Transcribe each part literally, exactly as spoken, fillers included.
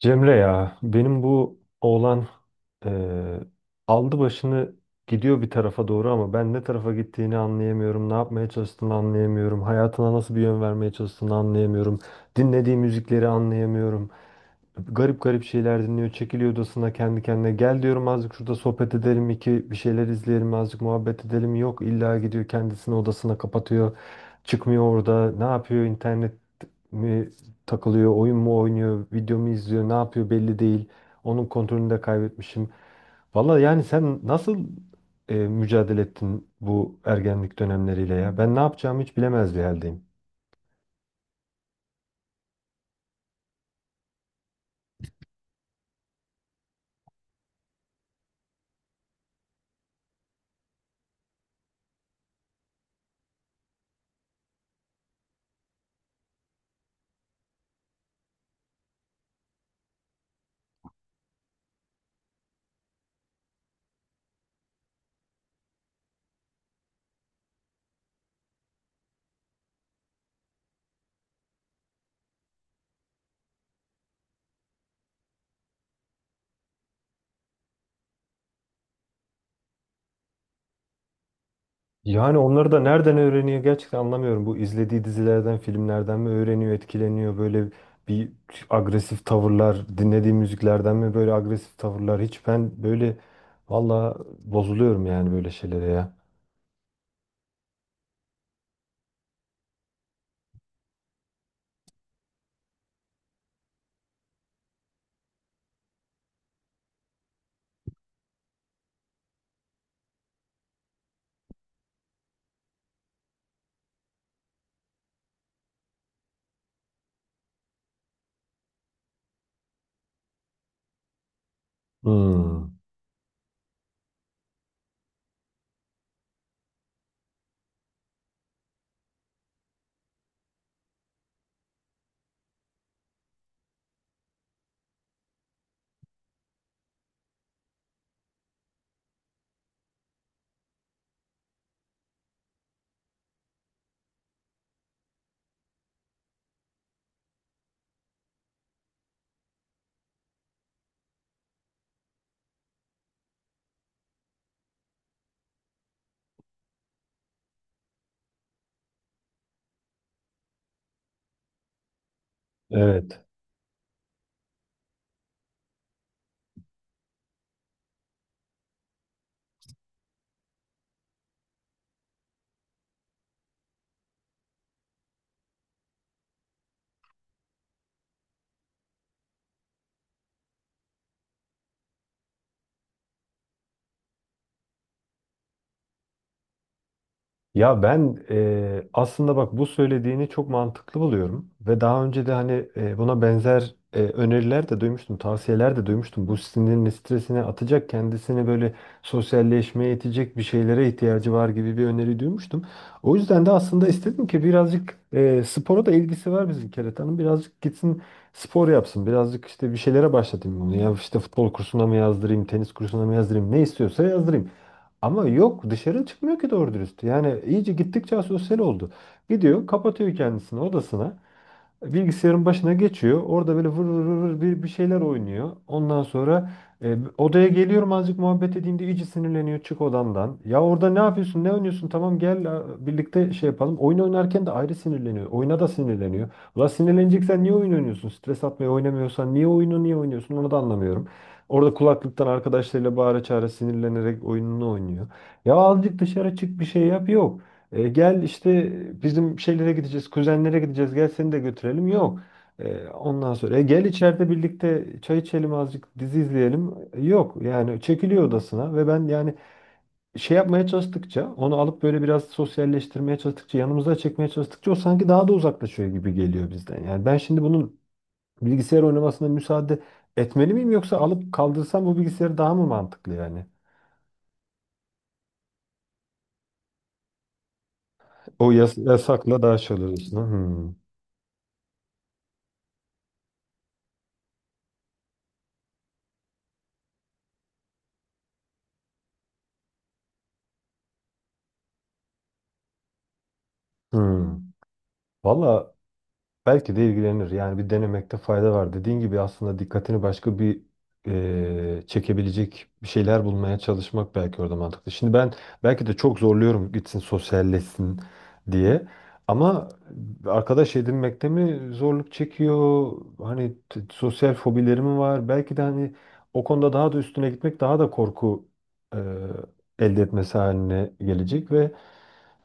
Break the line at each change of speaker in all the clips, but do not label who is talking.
Cemre ya benim bu oğlan eee, aldı başını gidiyor bir tarafa doğru ama ben ne tarafa gittiğini anlayamıyorum. Ne yapmaya çalıştığını anlayamıyorum. Hayatına nasıl bir yön vermeye çalıştığını anlayamıyorum. Dinlediği müzikleri anlayamıyorum. Garip garip şeyler dinliyor. Çekiliyor odasına kendi kendine. Gel diyorum azıcık şurada sohbet edelim iki bir şeyler izleyelim azıcık muhabbet edelim. Yok illa gidiyor kendisini odasına kapatıyor. Çıkmıyor orada. Ne yapıyor internet mi takılıyor, oyun mu oynuyor, video mu izliyor, ne yapıyor belli değil. Onun kontrolünü de kaybetmişim. Valla yani sen nasıl e, mücadele ettin bu ergenlik dönemleriyle ya? Ben ne yapacağımı hiç bilemez bir haldeyim. Yani onları da nereden öğreniyor gerçekten anlamıyorum. Bu izlediği dizilerden, filmlerden mi öğreniyor, etkileniyor böyle bir agresif tavırlar, dinlediği müziklerden mi böyle agresif tavırlar? Hiç ben böyle valla bozuluyorum yani böyle şeylere ya. Hmm, evet. Ya ben eee, aslında bak bu söylediğini çok mantıklı buluyorum ve daha önce de hani eee, buna benzer eee, öneriler de duymuştum, tavsiyeler de duymuştum. Bu sinirini, stresini atacak, kendisini böyle sosyalleşmeye itecek bir şeylere ihtiyacı var gibi bir öneri duymuştum. O yüzden de aslında istedim ki birazcık eee, spora da ilgisi var bizim Keretan'ın. Birazcık gitsin spor yapsın, birazcık işte bir şeylere başlatayım bunu. Ya işte futbol kursuna mı yazdırayım, tenis kursuna mı yazdırayım, ne istiyorsa yazdırayım. Ama yok dışarı çıkmıyor ki doğru dürüst. Yani iyice gittikçe asosyal oldu. Gidiyor kapatıyor kendisini odasına bilgisayarın başına geçiyor. Orada böyle vır vır vır vır bir, bir şeyler oynuyor. Ondan sonra e, odaya geliyorum azıcık muhabbet edeyim diye iyice sinirleniyor çık odandan. Ya orada ne yapıyorsun ne oynuyorsun tamam gel e, birlikte şey yapalım. Oyun oynarken de ayrı sinirleniyor. Oyuna da sinirleniyor. Ulan sinirleneceksen niye oyun oynuyorsun? Stres atmaya oynamıyorsan niye oyunu niye oynuyorsun onu da anlamıyorum. Orada kulaklıktan arkadaşlarıyla bağıra çağıra sinirlenerek oyununu oynuyor. Ya azıcık dışarı çık bir şey yap yok. E, gel işte bizim şeylere gideceğiz, kuzenlere gideceğiz. Gel seni de götürelim. Yok. E, ondan sonra "E, Gel içeride birlikte çay içelim azıcık dizi izleyelim. E, Yok. Yani çekiliyor odasına ve ben yani şey yapmaya çalıştıkça onu alıp böyle biraz sosyalleştirmeye çalıştıkça yanımıza çekmeye çalıştıkça o sanki daha da uzaklaşıyor gibi geliyor bizden. Yani ben şimdi bunun bilgisayar oynamasına müsaade etmeli miyim yoksa alıp kaldırsam bu bilgisayarı daha mı mantıklı yani? O yas- yasakla daha şey oluyorsun. Hmm. Hmm. Valla belki de ilgilenir. Yani bir denemekte fayda var. Dediğin gibi aslında dikkatini başka bir eee, çekebilecek bir şeyler bulmaya çalışmak belki orada mantıklı. Şimdi ben belki de çok zorluyorum gitsin sosyalleşsin diye. Ama arkadaş edinmekte mi zorluk çekiyor? Hani t- sosyal fobileri mi var? Belki de hani o konuda daha da üstüne gitmek daha da korku eee, elde etmesi haline gelecek ve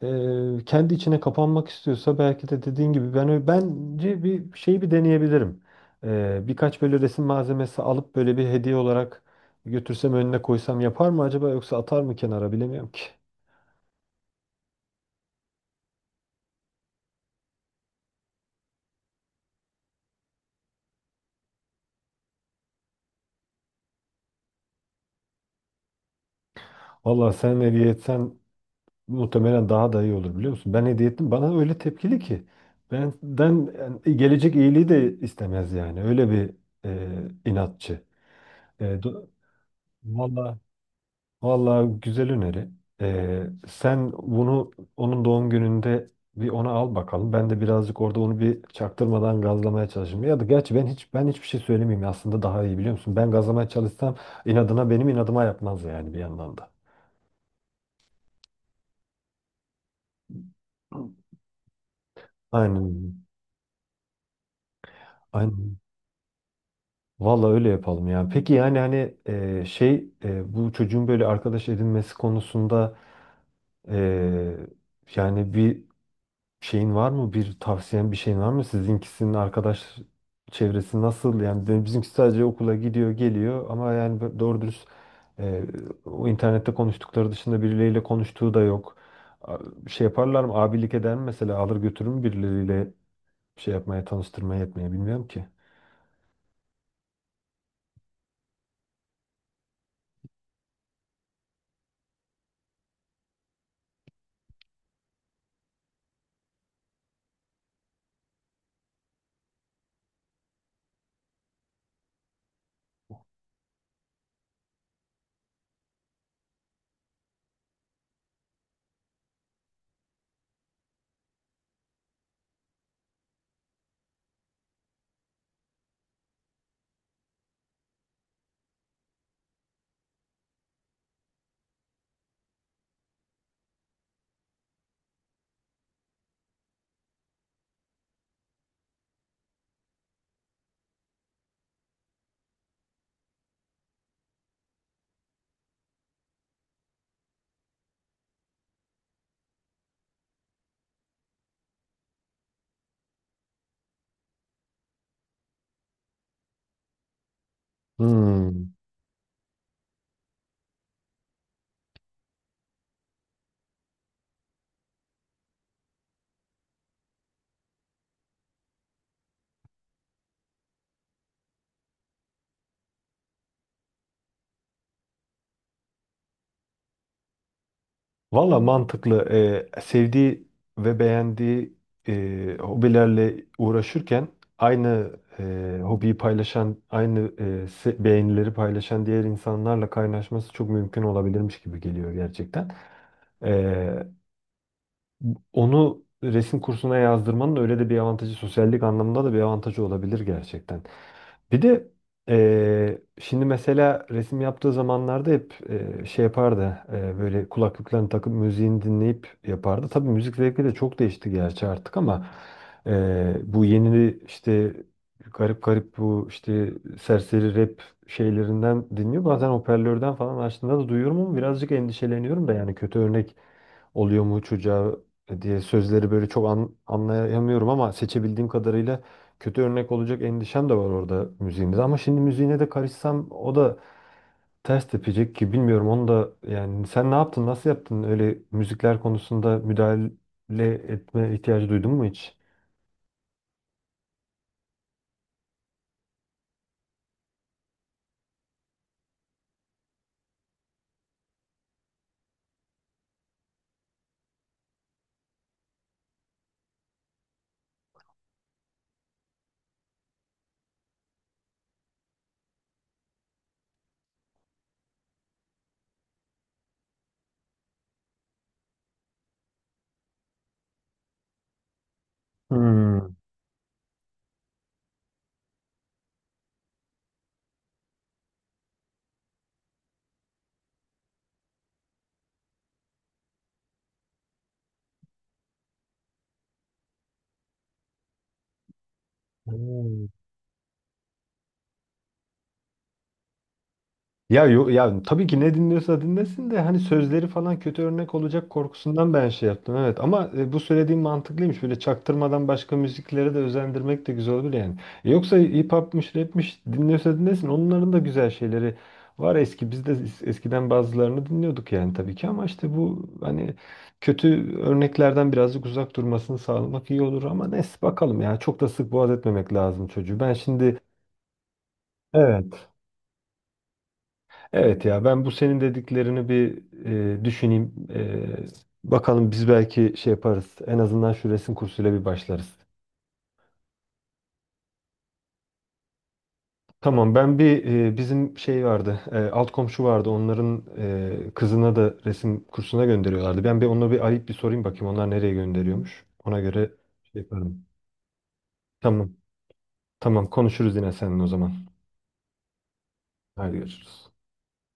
Eee, kendi içine kapanmak istiyorsa belki de dediğin gibi ben ö- bence bir şeyi bir deneyebilirim. Eee, birkaç böyle resim malzemesi alıp böyle bir hediye olarak götürsem önüne koysam yapar mı acaba yoksa atar mı kenara bilemiyorum ki. Valla sen hediye etsen muhtemelen daha da iyi olur biliyor musun? Ben hediye ettim bana öyle tepkili ki. Benden yani gelecek iyiliği de istemez yani. Öyle bir eee, inatçı. Eee do- Vallahi. Vallahi güzel öneri. Ee, sen bunu onun doğum gününde bir ona al bakalım. Ben de birazcık orada onu bir çaktırmadan gazlamaya çalışayım. Ya da gerçi ben hiç ben hiçbir şey söylemeyeyim aslında daha iyi biliyor musun? Ben gazlamaya çalışsam inadına benim inadıma yapmaz yani bir yandan da. Aynen. Öyle. Aynen. Vallahi öyle yapalım. Yani peki yani hani e, şey e, bu çocuğun böyle arkadaş edinmesi konusunda e, yani bir şeyin var mı? Bir tavsiyen bir şeyin var mı? Sizinkisinin arkadaş çevresi nasıl? Yani de- bizimki sadece okula gidiyor, geliyor ama yani bö- doğru dürüst e, o internette konuştukları dışında birileriyle konuştuğu da yok. A- Şey yaparlar mı? Abilik eder mi mesela? Alır götürür mü birileriyle şey yapmaya, tanıştırmaya etmeye bilmiyorum ki. Hmm. Valla mantıklı. Ee, sevdiği ve beğendiği e, hobilerle uğraşırken aynı e, hobiyi paylaşan, aynı e, se- beğenileri paylaşan diğer insanlarla kaynaşması çok mümkün olabilirmiş gibi geliyor gerçekten. Ee, Onu resim kursuna yazdırmanın öyle de bir avantajı, sosyallik anlamında da bir avantajı olabilir gerçekten. Bir de eee, şimdi mesela resim yaptığı zamanlarda hep eee, şey yapardı, eee, böyle kulaklıklarını takıp müziğini dinleyip yapardı. Tabii müzik zevki de çok değişti gerçi artık ama eee, bu yeni işte garip garip bu işte serseri rap şeylerinden dinliyor. Bazen hoparlörden falan açtığında da duyuyorum ama birazcık endişeleniyorum da yani kötü örnek oluyor mu çocuğa diye sözleri böyle çok an, anlayamıyorum ama seçebildiğim kadarıyla kötü örnek olacak endişem de var orada müziğimde. Ama şimdi müziğine de karışsam o da ters tepecek ki bilmiyorum onu da yani sen ne yaptın nasıl yaptın öyle müzikler konusunda müdahale etme ihtiyacı duydun mu hiç? Hmm. Hmm. Ya yo- ya tabii ki ne dinliyorsa dinlesin de hani sözleri falan kötü örnek olacak korkusundan ben şey yaptım, evet, ama e, bu söylediğim mantıklıymış böyle çaktırmadan başka müziklere de özendirmek de güzel olur yani. E, Yoksa hip hop'mış rap'miş dinliyorsa dinlesin onların da güzel şeyleri var eski biz de es- eskiden bazılarını dinliyorduk yani tabii ki ama işte bu hani kötü örneklerden birazcık uzak durmasını sağlamak iyi olur ama neyse bakalım ya çok da sık boğaz etmemek lazım çocuğu ben şimdi evet. Evet ya ben bu senin dediklerini bir e, düşüneyim. E, bakalım biz belki şey yaparız. En azından şu resim kursuyla bir başlarız. Tamam ben bir e, bizim şey vardı. E, alt komşu vardı. Onların e, kızına da resim kursuna gönderiyorlardı. Ben bir onlara bir arayıp bir sorayım bakayım onlar nereye gönderiyormuş. Ona göre şey yaparım. Tamam. Tamam konuşuruz yine seninle o zaman. Hadi görüşürüz.